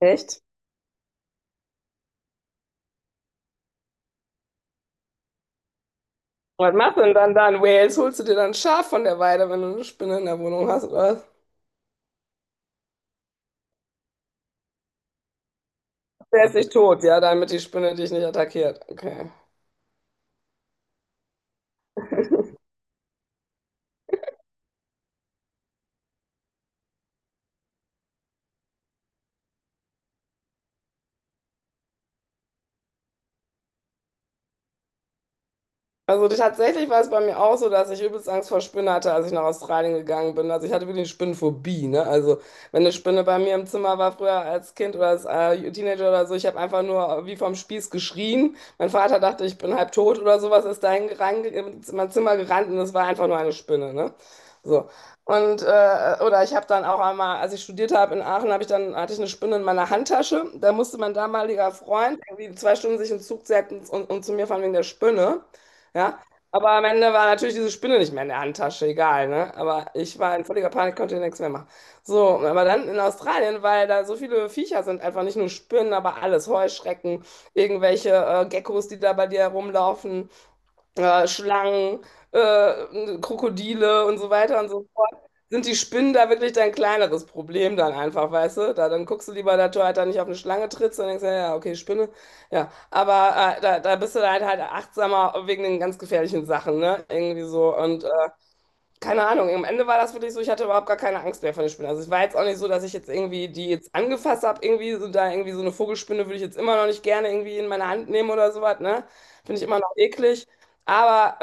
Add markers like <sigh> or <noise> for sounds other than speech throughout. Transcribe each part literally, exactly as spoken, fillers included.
Echt? Was machst du denn dann dann? Wales, holst du dir dann ein Schaf von der Weide, wenn du eine Spinne in der Wohnung hast, oder was? Der ist nicht tot, ja, damit die Spinne dich nicht attackiert. Okay. Also tatsächlich war es bei mir auch so, dass ich übelst Angst vor Spinnen hatte, als ich nach Australien gegangen bin. Also ich hatte wirklich eine Spinnenphobie, ne? Also wenn eine Spinne bei mir im Zimmer war, früher als Kind oder als äh, Teenager oder so, ich habe einfach nur wie vom Spieß geschrien. Mein Vater dachte, ich bin halb tot oder sowas, ist da in mein Zimmer gerannt und es war einfach nur eine Spinne, ne? So. Und äh, oder ich habe dann auch einmal, als ich studiert habe in Aachen, habe ich dann hatte ich eine Spinne in meiner Handtasche. Da musste mein damaliger Freund irgendwie zwei Stunden sich in den Zug setzen und, und zu mir fahren wegen der Spinne. Ja. Aber am Ende war natürlich diese Spinne nicht mehr in der Handtasche, egal, ne? Aber ich war in völliger Panik, konnte nichts mehr machen. So, aber dann in Australien, weil da so viele Viecher sind, einfach nicht nur Spinnen, aber alles: Heuschrecken, irgendwelche äh, Geckos, die da bei dir herumlaufen, äh, Schlangen, äh, Krokodile und so weiter und so fort, sind die Spinnen da wirklich dein kleineres Problem dann einfach, weißt du? Da, dann guckst du lieber, dass du halt da nicht auf eine Schlange trittst und denkst, ja, ja, okay, Spinne, ja. Aber äh, da, da bist du dann halt, halt achtsamer wegen den ganz gefährlichen Sachen, ne? Irgendwie so. Und keine Ahnung, am Ende war das wirklich so, ich hatte überhaupt gar keine Angst mehr vor den Spinnen. Also es war jetzt auch nicht so, dass ich jetzt irgendwie die jetzt angefasst habe, irgendwie so da irgendwie so eine Vogelspinne würde ich jetzt immer noch nicht gerne irgendwie in meine Hand nehmen oder sowas, ne? Finde ich immer noch eklig. Aber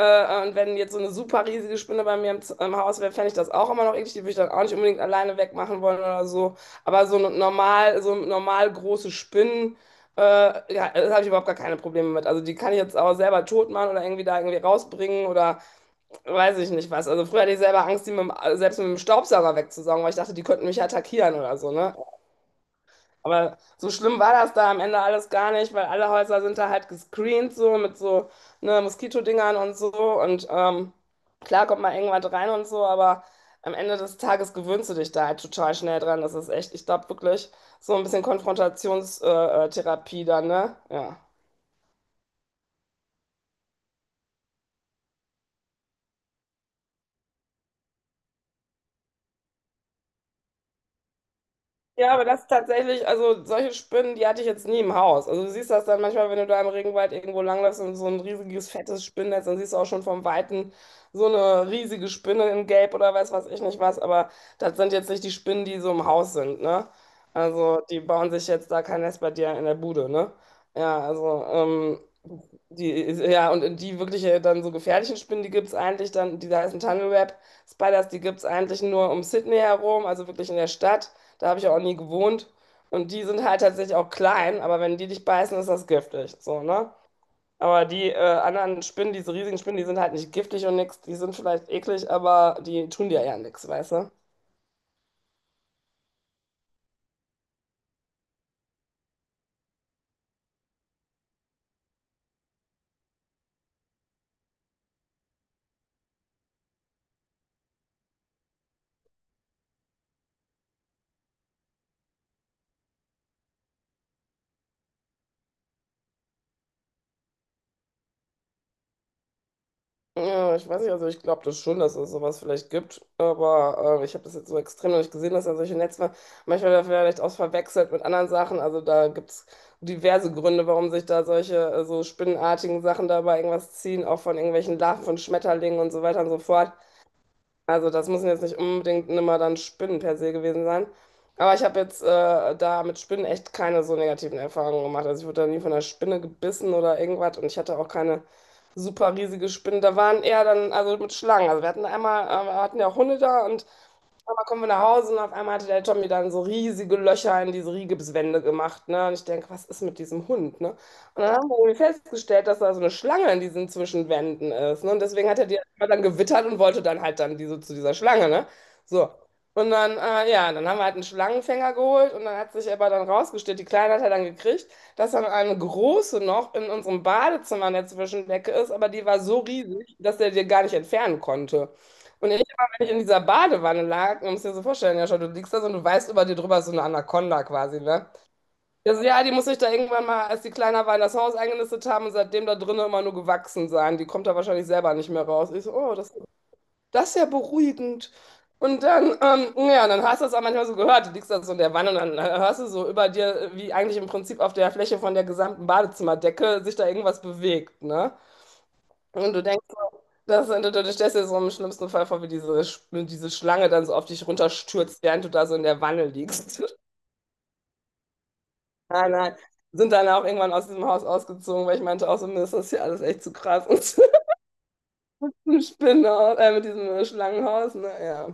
äh, und wenn jetzt so eine super riesige Spinne bei mir im, Z- im Haus wäre, fände ich das auch immer noch eklig. Die würde ich dann auch nicht unbedingt alleine wegmachen wollen oder so. Aber so eine normal, so normal große Spinnen, äh, ja, das habe ich überhaupt gar keine Probleme mit. Also die kann ich jetzt auch selber tot machen oder irgendwie da irgendwie rausbringen oder weiß ich nicht was. Also früher hatte ich selber Angst, die mit dem, selbst mit dem Staubsauger wegzusaugen, weil ich dachte, die könnten mich attackieren oder so, ne? Aber so schlimm war das da am Ende alles gar nicht, weil alle Häuser sind da halt gescreent, so mit so, ne, Moskitodingern und so. Und ähm, klar kommt mal irgendwas rein und so, aber am Ende des Tages gewöhnst du dich da halt total schnell dran. Das ist echt, ich glaube wirklich, so ein bisschen Konfrontationstherapie dann, ne? Ja. Ja, aber das tatsächlich, also solche Spinnen, die hatte ich jetzt nie im Haus. Also du siehst das dann manchmal, wenn du da im Regenwald irgendwo langläufst und so ein riesiges, fettes Spinnennetz, dann siehst du auch schon vom Weiten so eine riesige Spinne in Gelb oder weiß was ich nicht was. Aber das sind jetzt nicht die Spinnen, die so im Haus sind, ne? Also die bauen sich jetzt da kein Nest bei dir in der Bude, ne? Ja, also ähm, die, ja, und die wirklich äh, dann so gefährlichen Spinnen, die gibt's eigentlich dann, die heißen Tunnelweb Spiders, die gibt's eigentlich nur um Sydney herum, also wirklich in der Stadt. Da habe ich auch nie gewohnt. Und die sind halt tatsächlich auch klein, aber wenn die dich beißen, ist das giftig. So, ne? Aber die äh, anderen Spinnen, diese riesigen Spinnen, die sind halt nicht giftig und nix. Die sind vielleicht eklig, aber die tun dir ja nichts, weißt du? Ja, ich weiß nicht, also ich glaube das schon, dass es sowas vielleicht gibt, aber äh, ich habe das jetzt so extrem noch nicht gesehen, dass da solche Netzwerke, manchmal vielleicht auch verwechselt mit anderen Sachen, also da gibt es diverse Gründe, warum sich da solche äh, so spinnenartigen Sachen dabei irgendwas ziehen, auch von irgendwelchen Larven von Schmetterlingen und so weiter und so fort. Also das müssen jetzt nicht unbedingt immer dann Spinnen per se gewesen sein. Aber ich habe jetzt äh, da mit Spinnen echt keine so negativen Erfahrungen gemacht. Also ich wurde da nie von einer Spinne gebissen oder irgendwas und ich hatte auch keine super riesige Spinne. Da waren eher dann, also mit Schlangen. Also wir hatten einmal, äh, wir hatten ja auch Hunde da und aber kommen wir nach Hause und auf einmal hatte der Tommy dann so riesige Löcher in diese Rigipswände gemacht, ne? Und ich denke, was ist mit diesem Hund, ne? Und dann haben wir irgendwie festgestellt, dass da so eine Schlange in diesen Zwischenwänden ist, ne? Und deswegen hat er die dann gewittert und wollte dann halt dann diese, zu dieser Schlange, ne? So. Und dann, äh, ja, dann haben wir halt einen Schlangenfänger geholt und dann hat sich aber dann rausgestellt, die Kleine hat er dann gekriegt, dass dann eine große noch in unserem Badezimmer in der Zwischendecke ist, aber die war so riesig, dass er die gar nicht entfernen konnte. Und ich ich in dieser Badewanne lag, man muss dir so vorstellen, ja schon, du liegst da so und du weißt, über dir drüber ist so eine Anaconda quasi, ne? Also, ja, die muss sich da irgendwann mal, als die kleiner war, in das Haus eingenistet haben und seitdem da drinnen immer nur gewachsen sein. Die kommt da wahrscheinlich selber nicht mehr raus. Ich so, oh, das, das ist ja beruhigend. Und dann, ähm, ja, dann hast du das auch manchmal so gehört. Du liegst da so in der Wanne und dann äh, hörst du so über dir, äh, wie eigentlich im Prinzip auf der Fläche von der gesamten Badezimmerdecke sich da irgendwas bewegt, ne? Und du denkst, so, das, du, du du stellst dir so im schlimmsten Fall vor, wie diese, Sch- diese Schlange dann so auf dich runterstürzt, während du da so in der Wanne liegst. <laughs> Nein, nein. Sind dann auch irgendwann aus diesem Haus ausgezogen, weil ich meinte auch so, mir ist das hier alles echt zu krass. <laughs> Und mit Spinnenhaus, äh, mit diesem Schlangenhaus, ne, ja.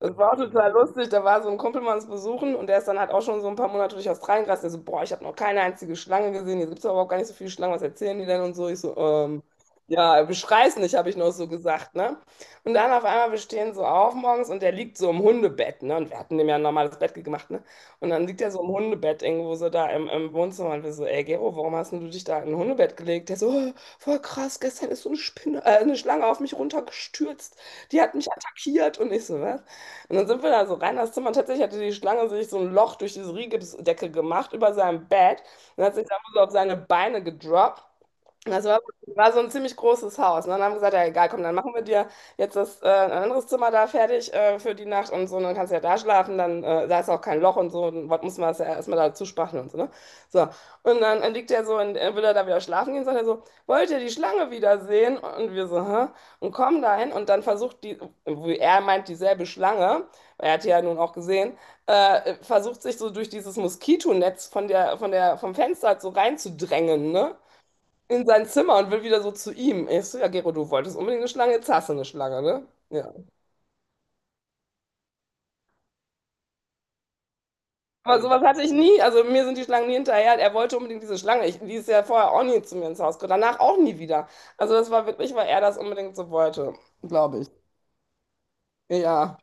Das war auch total lustig. Da war so ein Kumpel mal uns besuchen und der ist dann halt auch schon so ein paar Monate durch Australien gereist. Der so, boah, ich habe noch keine einzige Schlange gesehen. Hier gibt es überhaupt gar nicht so viele Schlangen. Was erzählen die denn und so? Ich so, ähm, ja, beschrei's nicht, habe ich noch so gesagt, ne? Und dann auf einmal, wir stehen so auf morgens und der liegt so im Hundebett, ne? Und wir hatten dem ja ein normales Bett gemacht, ne? Und dann liegt er so im Hundebett irgendwo so da im, im Wohnzimmer und wir so, ey, Gero, warum hast denn du dich da in ein Hundebett gelegt? Der so, oh, voll krass, gestern ist so eine Spinne, äh, eine Schlange auf mich runtergestürzt. Die hat mich attackiert und ich so, was? Und dann sind wir da so rein in das Zimmer und tatsächlich hatte die Schlange sich so ein Loch durch diese Rigipsdecke gemacht über seinem Bett und hat sich dann so auf seine Beine gedroppt. Das war, war so ein ziemlich großes Haus. Ne? Dann haben wir gesagt, ja egal, komm, dann machen wir dir jetzt das, äh, ein anderes Zimmer da fertig, äh, für die Nacht und so, und dann kannst du ja da schlafen, dann äh, da ist auch kein Loch und so, und was muss man das ja erstmal dazu spachteln und so, ne? So, und dann äh, liegt er so, und äh, will er da wieder schlafen gehen, sagt er so, wollt ihr die Schlange wiedersehen? Und wir so, hä? Und kommen dahin und dann versucht die, wie er meint, dieselbe Schlange, er hat die ja nun auch gesehen, äh, versucht sich so durch dieses Moskitonetz von der, von der, vom Fenster halt so reinzudrängen, ne? In sein Zimmer und will wieder so zu ihm. Ich so, ja, Gero, du wolltest unbedingt eine Schlange, jetzt hast du eine Schlange, ne? Ja. Aber sowas hatte ich nie, also mir sind die Schlangen nie hinterher. Er wollte unbedingt diese Schlange. Ich, die ist ja vorher auch nie zu mir ins Haus gekommen, danach auch nie wieder. Also das war wirklich, weil er das unbedingt so wollte, glaube ich. Ja.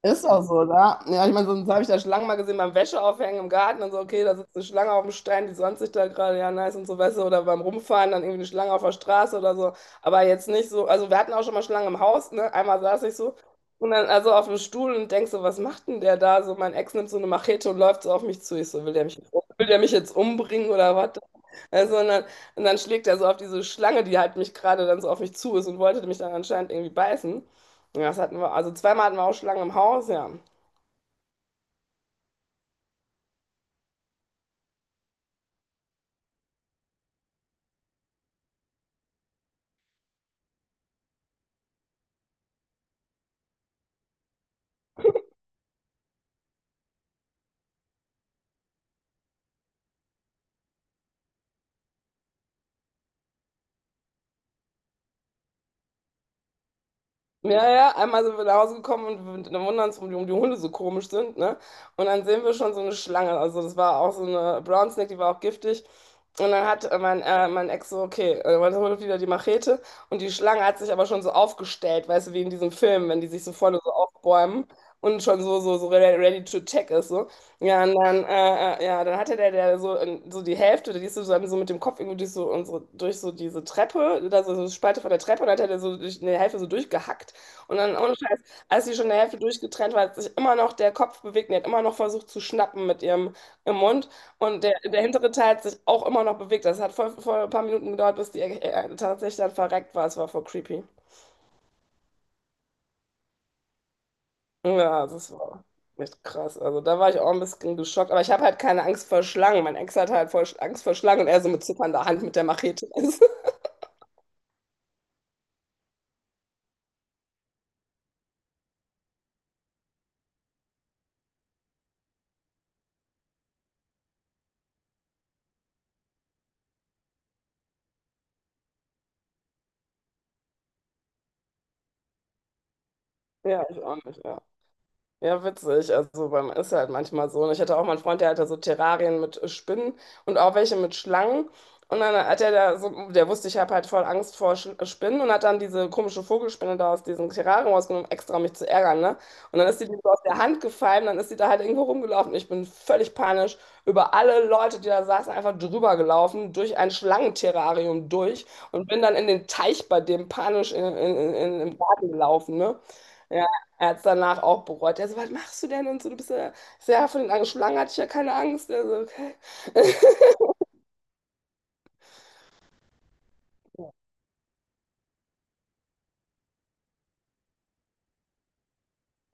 Ist auch so, da. Ja, ich meine, sonst habe ich da Schlangen mal gesehen beim Wäscheaufhängen im Garten und so. Okay, da sitzt eine Schlange auf dem Stein, die sonnt sich da gerade, ja, nice und so, weißt du, oder beim Rumfahren dann irgendwie eine Schlange auf der Straße oder so. Aber jetzt nicht so, also wir hatten auch schon mal Schlangen im Haus, ne? Einmal saß ich so und dann also auf dem Stuhl und denkst so, was macht denn der da? So, mein Ex nimmt so eine Machete und läuft so auf mich zu. Ich so, will der mich, will der mich jetzt umbringen oder was? Also, und dann, und dann schlägt er so auf diese Schlange, die halt mich gerade dann so auf mich zu ist und wollte mich dann anscheinend irgendwie beißen. Ja, das hatten wir, also zweimal hatten wir auch Schlangen im Haus, ja. Ja, ja, einmal sind wir nach Hause gekommen und wir- dann wundern uns, warum die, warum die Hunde so komisch sind, ne? Und dann sehen wir schon so eine Schlange. Also das war auch so eine Brown Snake, die war auch giftig. Und dann hat äh, mein, äh, mein Ex so, okay, äh, dann holt wieder die Machete. Und die Schlange hat sich aber schon so aufgestellt, weißt du, wie in diesem Film, wenn die sich so vorne so aufbäumen und schon so, so, so ready, ready to attack ist, so. Ja, und dann, äh, äh, ja, dann hatte der, der so, äh, so die Hälfte, die ist so, dann so mit dem Kopf irgendwie durch so, unsere, durch so diese Treppe, da so so eine Spalte von der Treppe, und dann hat er so durch eine Hälfte so durchgehackt. Und dann, ohne Scheiß, als sie schon der Hälfte durchgetrennt war, hat sich immer noch der Kopf bewegt und die hat immer noch versucht zu schnappen mit ihrem im Mund. Und der, der hintere Teil hat sich auch immer noch bewegt. Das hat voll, voll ein paar Minuten gedauert, bis die äh, tatsächlich dann verreckt war. Es war voll creepy. Ja, das war echt krass. Also da war ich auch ein bisschen geschockt. Aber ich habe halt keine Angst vor Schlangen. Mein Ex hat halt voll Angst vor Schlangen und er so mit zitternder Hand mit der Machete. <laughs> Ja, ich auch nicht. Ja. Ja, witzig. Also beim ist halt manchmal so. Und ich hatte auch mal einen Freund, der hatte so Terrarien mit äh, Spinnen und auch welche mit Schlangen. Und dann hat er da so, der wusste, ich habe halt voll Angst vor Sch äh, Spinnen und hat dann diese komische Vogelspinne da aus diesem Terrarium rausgenommen, extra um mich zu ärgern, ne? Und dann ist die mir so aus der Hand gefallen, dann ist die da halt irgendwo rumgelaufen. Ich bin völlig panisch über alle Leute, die da saßen, einfach drüber gelaufen, durch ein Schlangenterrarium durch und bin dann in den Teich bei dem panisch in, in, in, im Garten gelaufen, ne? Ja, er hat es danach auch bereut. Er so, was machst du denn? Und so, du bist ja sehr von den angeschlagen, hatte ich ja keine Angst. Er so, okay.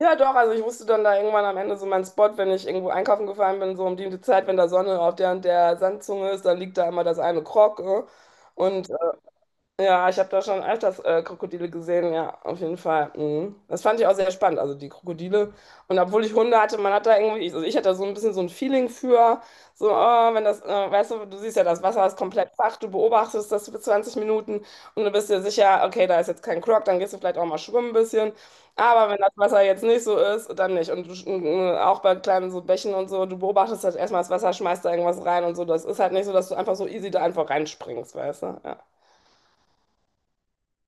Ja, doch, also ich wusste dann da irgendwann am Ende so meinen Spot, wenn ich irgendwo einkaufen gefahren bin, so um die Zeit, wenn da Sonne auf der und der Sandzunge ist, dann liegt da immer das eine Krog. äh. Und äh, ja, ich habe da schon öfters äh, Krokodile gesehen, ja, auf jeden Fall. Mhm. Das fand ich auch sehr spannend, also die Krokodile. Und obwohl ich Hunde hatte, man hat da irgendwie, ich- also ich hatte da so ein bisschen so ein Feeling für, so, oh, wenn das, äh, weißt du, du siehst ja, das Wasser ist komplett flach, du beobachtest das für zwanzig Minuten und du bist dir sicher, okay, da ist jetzt kein Krog, dann gehst du vielleicht auch mal schwimmen ein bisschen. Aber wenn das Wasser jetzt nicht so ist, dann nicht. Und du, sch- äh, auch bei kleinen so Bächen und so, du beobachtest halt erstmal das Wasser, schmeißt da irgendwas rein und so. Das ist halt nicht so, dass du einfach so easy da einfach reinspringst, weißt du? Ja.